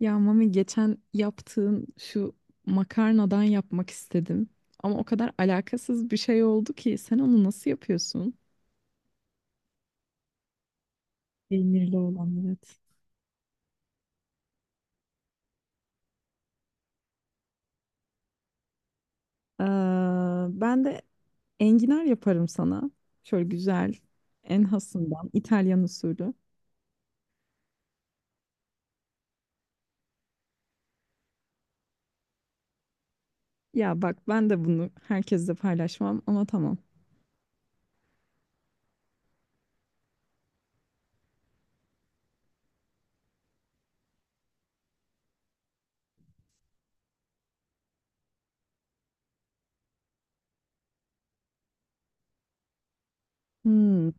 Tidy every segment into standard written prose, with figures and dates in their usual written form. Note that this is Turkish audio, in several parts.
Ya Mami geçen yaptığın şu makarnadan yapmak istedim. Ama o kadar alakasız bir şey oldu ki sen onu nasıl yapıyorsun? Peynirli olan evet. Ee, Ben de enginar yaparım sana. Şöyle güzel, en hasından, İtalyan usulü. Ya bak ben de bunu herkesle paylaşmam ama tamam. Hmm,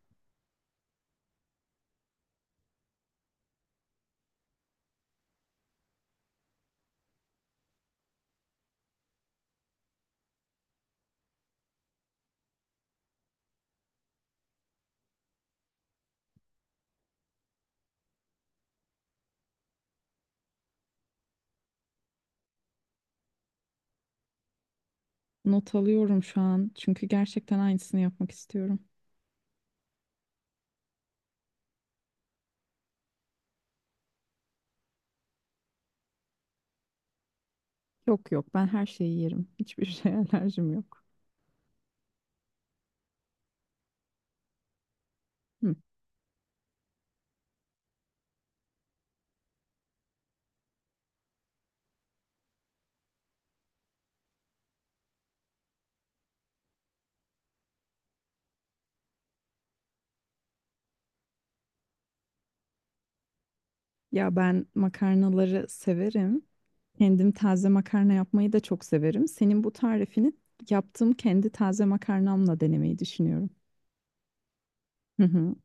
Not alıyorum şu an çünkü gerçekten aynısını yapmak istiyorum. Yok yok ben her şeyi yerim. Hiçbir şeye alerjim yok. Hı. Ya ben makarnaları severim. Kendim taze makarna yapmayı da çok severim. Senin bu tarifini yaptığım kendi taze makarnamla denemeyi düşünüyorum. Hı hı.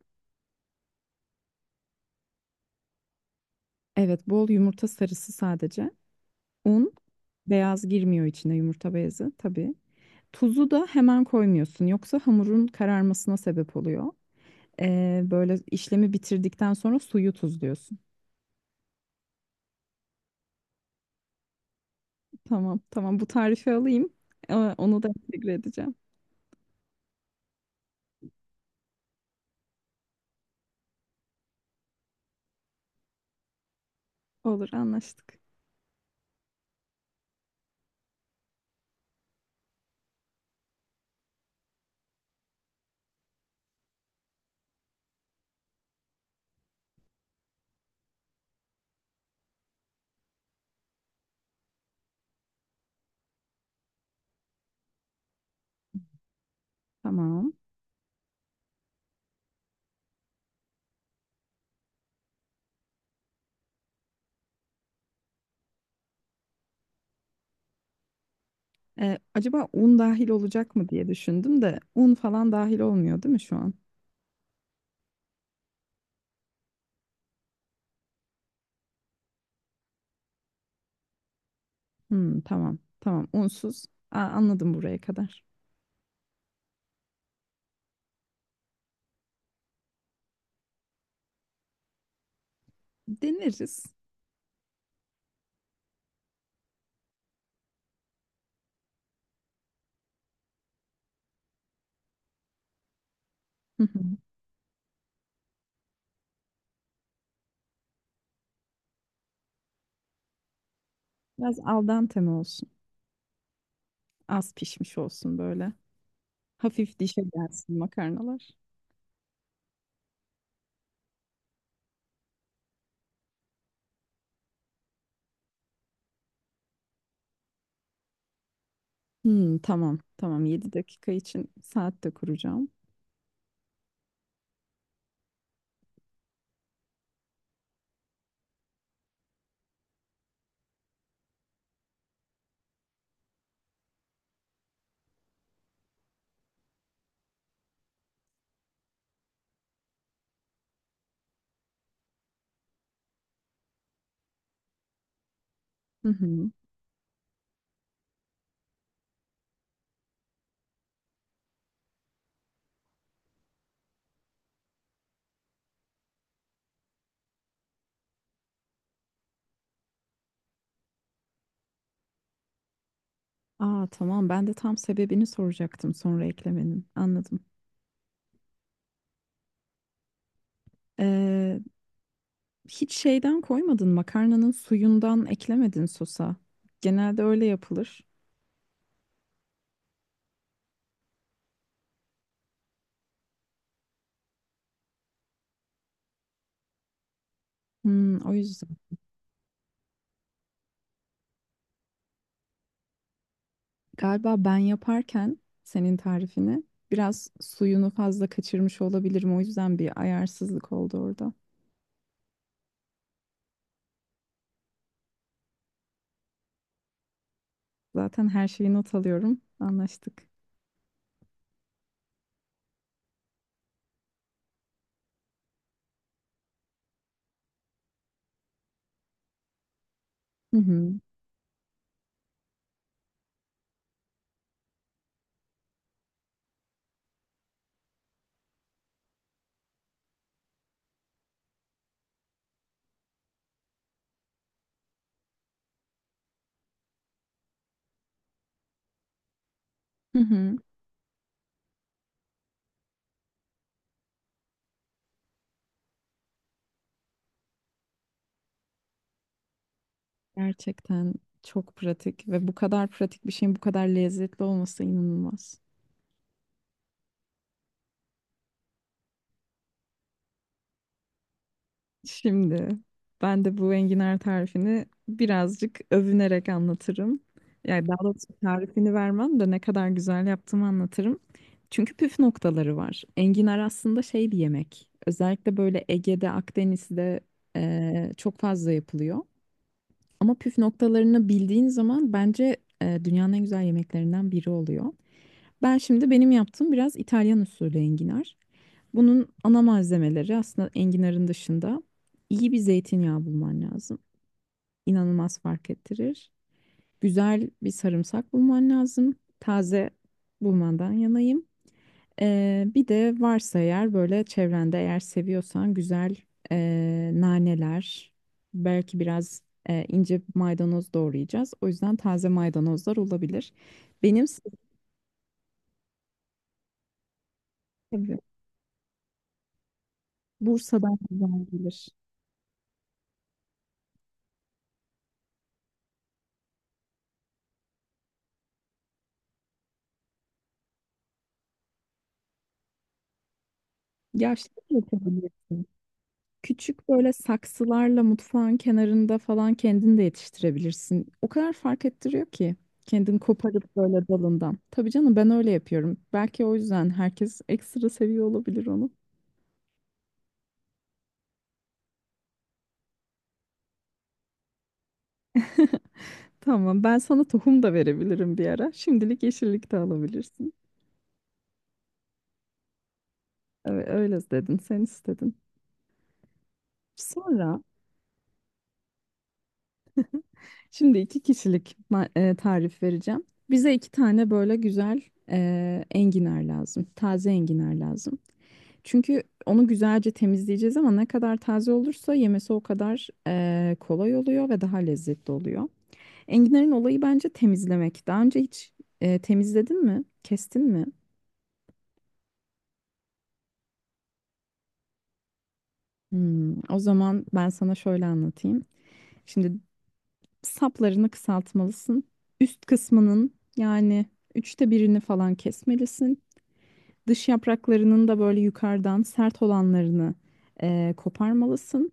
Evet, bol yumurta sarısı sadece. Un, beyaz girmiyor içine yumurta beyazı tabii. Tuzu da hemen koymuyorsun. Yoksa hamurun kararmasına sebep oluyor. Böyle işlemi bitirdikten sonra suyu tuzluyorsun. Tamam, tamam bu tarifi alayım. Onu da entegre edeceğim. Olur, anlaştık. Tamam. Acaba un dahil olacak mı diye düşündüm de un falan dahil olmuyor değil mi şu an? Hmm, tamam. Tamam. Unsuz. Aa, anladım buraya kadar. Deneriz. Hı hı. Biraz al dente mi olsun? Az pişmiş olsun böyle. Hafif dişe gelsin makarnalar. Hmm, tamam tamam 7 dakika için saat de kuracağım. Hı hı. Aa, tamam ben de tam sebebini soracaktım sonra eklemenin anladım. Ee, Hiç şeyden koymadın makarnanın suyundan eklemedin sosa. Genelde öyle yapılır. O yüzden galiba ben yaparken senin tarifini biraz suyunu fazla kaçırmış olabilirim. O yüzden bir ayarsızlık oldu orada. Zaten her şeyi not alıyorum. Anlaştık. Hı hı. Hı hı. Gerçekten çok pratik ve bu kadar pratik bir şeyin bu kadar lezzetli olması inanılmaz. Şimdi ben de bu enginar tarifini birazcık övünerek anlatırım. Yani daha doğrusu tarifini vermem de ne kadar güzel yaptığımı anlatırım. Çünkü püf noktaları var. Enginar aslında şey bir yemek. Özellikle böyle Ege'de, Akdeniz'de çok fazla yapılıyor. Ama püf noktalarını bildiğin zaman bence dünyanın en güzel yemeklerinden biri oluyor. Ben şimdi benim yaptığım biraz İtalyan usulü enginar. Bunun ana malzemeleri aslında enginarın dışında iyi bir zeytinyağı bulman lazım. İnanılmaz fark ettirir. Güzel bir sarımsak bulman lazım. Taze bulmandan yanayım. Bir de varsa eğer böyle çevrende eğer seviyorsan güzel naneler, belki biraz ince maydanoz doğrayacağız. O yüzden taze maydanozlar olabilir. Benim size- Bursa'dan güzel gelir. Ya şey de yapabilirsin. Küçük böyle saksılarla mutfağın kenarında falan kendin de yetiştirebilirsin. O kadar fark ettiriyor ki. Kendin koparıp böyle dalından. Tabii canım ben öyle yapıyorum. Belki o yüzden herkes ekstra seviyor olabilir onu. Tamam ben sana tohum da verebilirim bir ara. Şimdilik yeşillik de alabilirsin. Evet, öyle dedin sen istedin. Sonra şimdi iki kişilik tarif vereceğim. Bize iki tane böyle güzel enginar lazım. Taze enginar lazım. Çünkü onu güzelce temizleyeceğiz ama ne kadar taze olursa yemesi o kadar kolay oluyor ve daha lezzetli oluyor. Enginar'ın olayı bence temizlemek. Daha önce hiç temizledin mi? Kestin mi? O zaman ben sana şöyle anlatayım. Şimdi saplarını kısaltmalısın. Üst kısmının yani üçte birini falan kesmelisin. Dış yapraklarının da böyle yukarıdan sert olanlarını koparmalısın.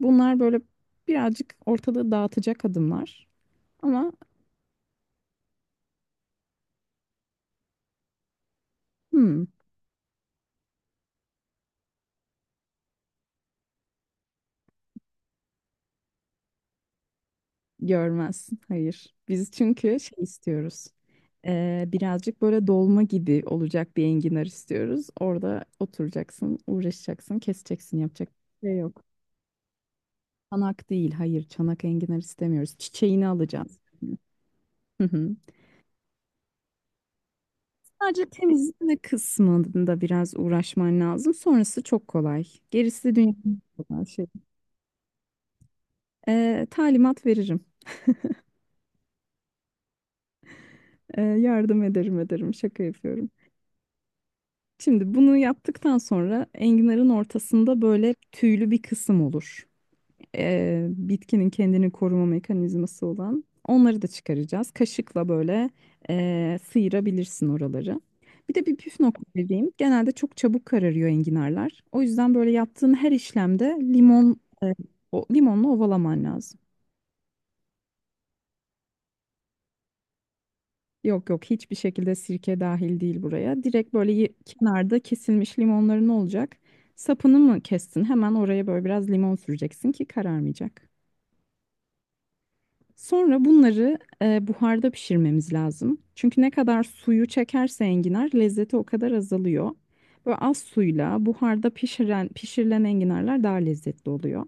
Bunlar böyle birazcık ortalığı dağıtacak adımlar. Ama hmm, görmezsin. Hayır. Biz çünkü şey istiyoruz. Birazcık böyle dolma gibi olacak bir enginar istiyoruz. Orada oturacaksın, uğraşacaksın, keseceksin, yapacak bir şey yok. Çanak değil, hayır, çanak enginar istemiyoruz. Çiçeğini alacağız. Hı hı. Sadece temizleme kısmında biraz uğraşman lazım. Sonrası çok kolay. Gerisi dünyanın en kolay şey. Talimat veririm. Yardım ederim ederim. Şaka yapıyorum. Şimdi bunu yaptıktan sonra enginarın ortasında böyle tüylü bir kısım olur. Bitkinin kendini koruma mekanizması olan. Onları da çıkaracağız. Kaşıkla böyle sıyırabilirsin oraları. Bir de bir püf nokta vereyim. Genelde çok çabuk kararıyor enginarlar. O yüzden böyle yaptığın her işlemde limon, o, limonla ovalaman lazım. Yok yok hiçbir şekilde sirke dahil değil buraya. Direkt böyle kenarda kesilmiş limonların olacak. Sapını mı kestin? Hemen oraya böyle biraz limon süreceksin ki kararmayacak. Sonra bunları buharda pişirmemiz lazım. Çünkü ne kadar suyu çekerse enginar lezzeti o kadar azalıyor. Böyle az suyla buharda pişiren, pişirilen enginarlar daha lezzetli oluyor.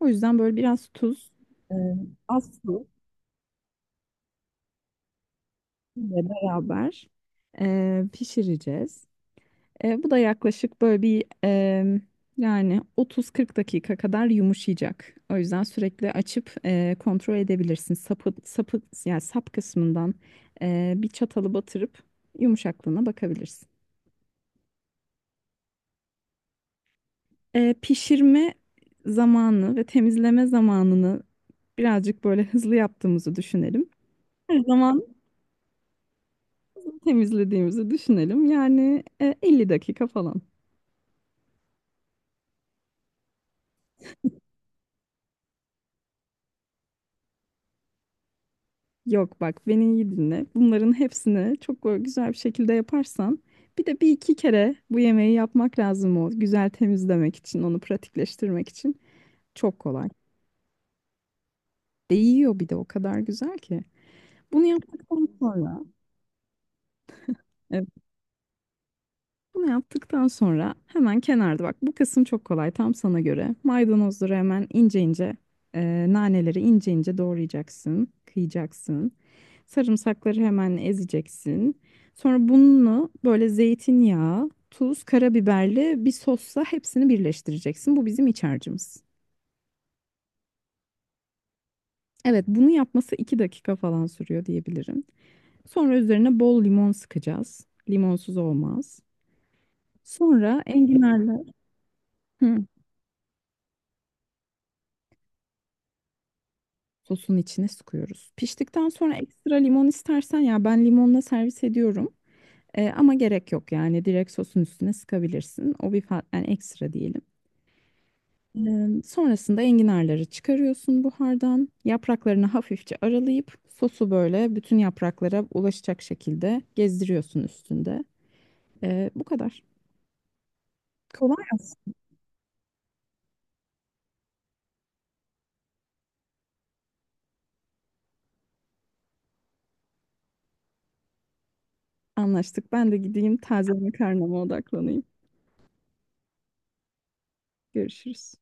O yüzden böyle biraz tuz, e, az su ile beraber pişireceğiz. Bu da yaklaşık böyle bir yani 30-40 dakika kadar yumuşayacak. O yüzden sürekli açıp kontrol edebilirsin. Sapı, sapı yani sap kısmından bir çatalı batırıp yumuşaklığına bakabilirsin. Pişirme zamanı ve temizleme zamanını birazcık böyle hızlı yaptığımızı düşünelim. Her zaman temizlediğimizi düşünelim. Yani 50 dakika falan. Yok bak beni iyi dinle. Bunların hepsini çok böyle güzel bir şekilde yaparsan bir de bir iki kere bu yemeği yapmak lazım o güzel temizlemek için, onu pratikleştirmek için. Çok kolay. Değiyor bir de o kadar güzel ki. Bunu yaptıktan sonra Bunu yaptıktan sonra hemen kenarda bak bu kısım çok kolay tam sana göre. Maydanozları hemen ince ince naneleri ince ince doğrayacaksın, kıyacaksın. Sarımsakları hemen ezeceksin. Sonra bunu böyle zeytinyağı, tuz, karabiberli bir sosla hepsini birleştireceksin. Bu bizim iç harcımız. Evet bunu yapması 2 dakika falan sürüyor diyebilirim. Sonra üzerine bol limon sıkacağız. Limonsuz olmaz. Sonra enginarla... Hı. Sosun içine sıkıyoruz. Piştikten sonra ekstra limon istersen ya ben limonla servis ediyorum. Ama gerek yok yani direkt sosun üstüne sıkabilirsin. O bir yani ekstra diyelim. Sonrasında enginarları çıkarıyorsun buhardan. Yapraklarını hafifçe aralayıp sosu böyle bütün yapraklara ulaşacak şekilde gezdiriyorsun üstünde. Bu kadar. Kolay aslında. Anlaştık. Ben de gideyim taze makarnama odaklanayım. Görüşürüz.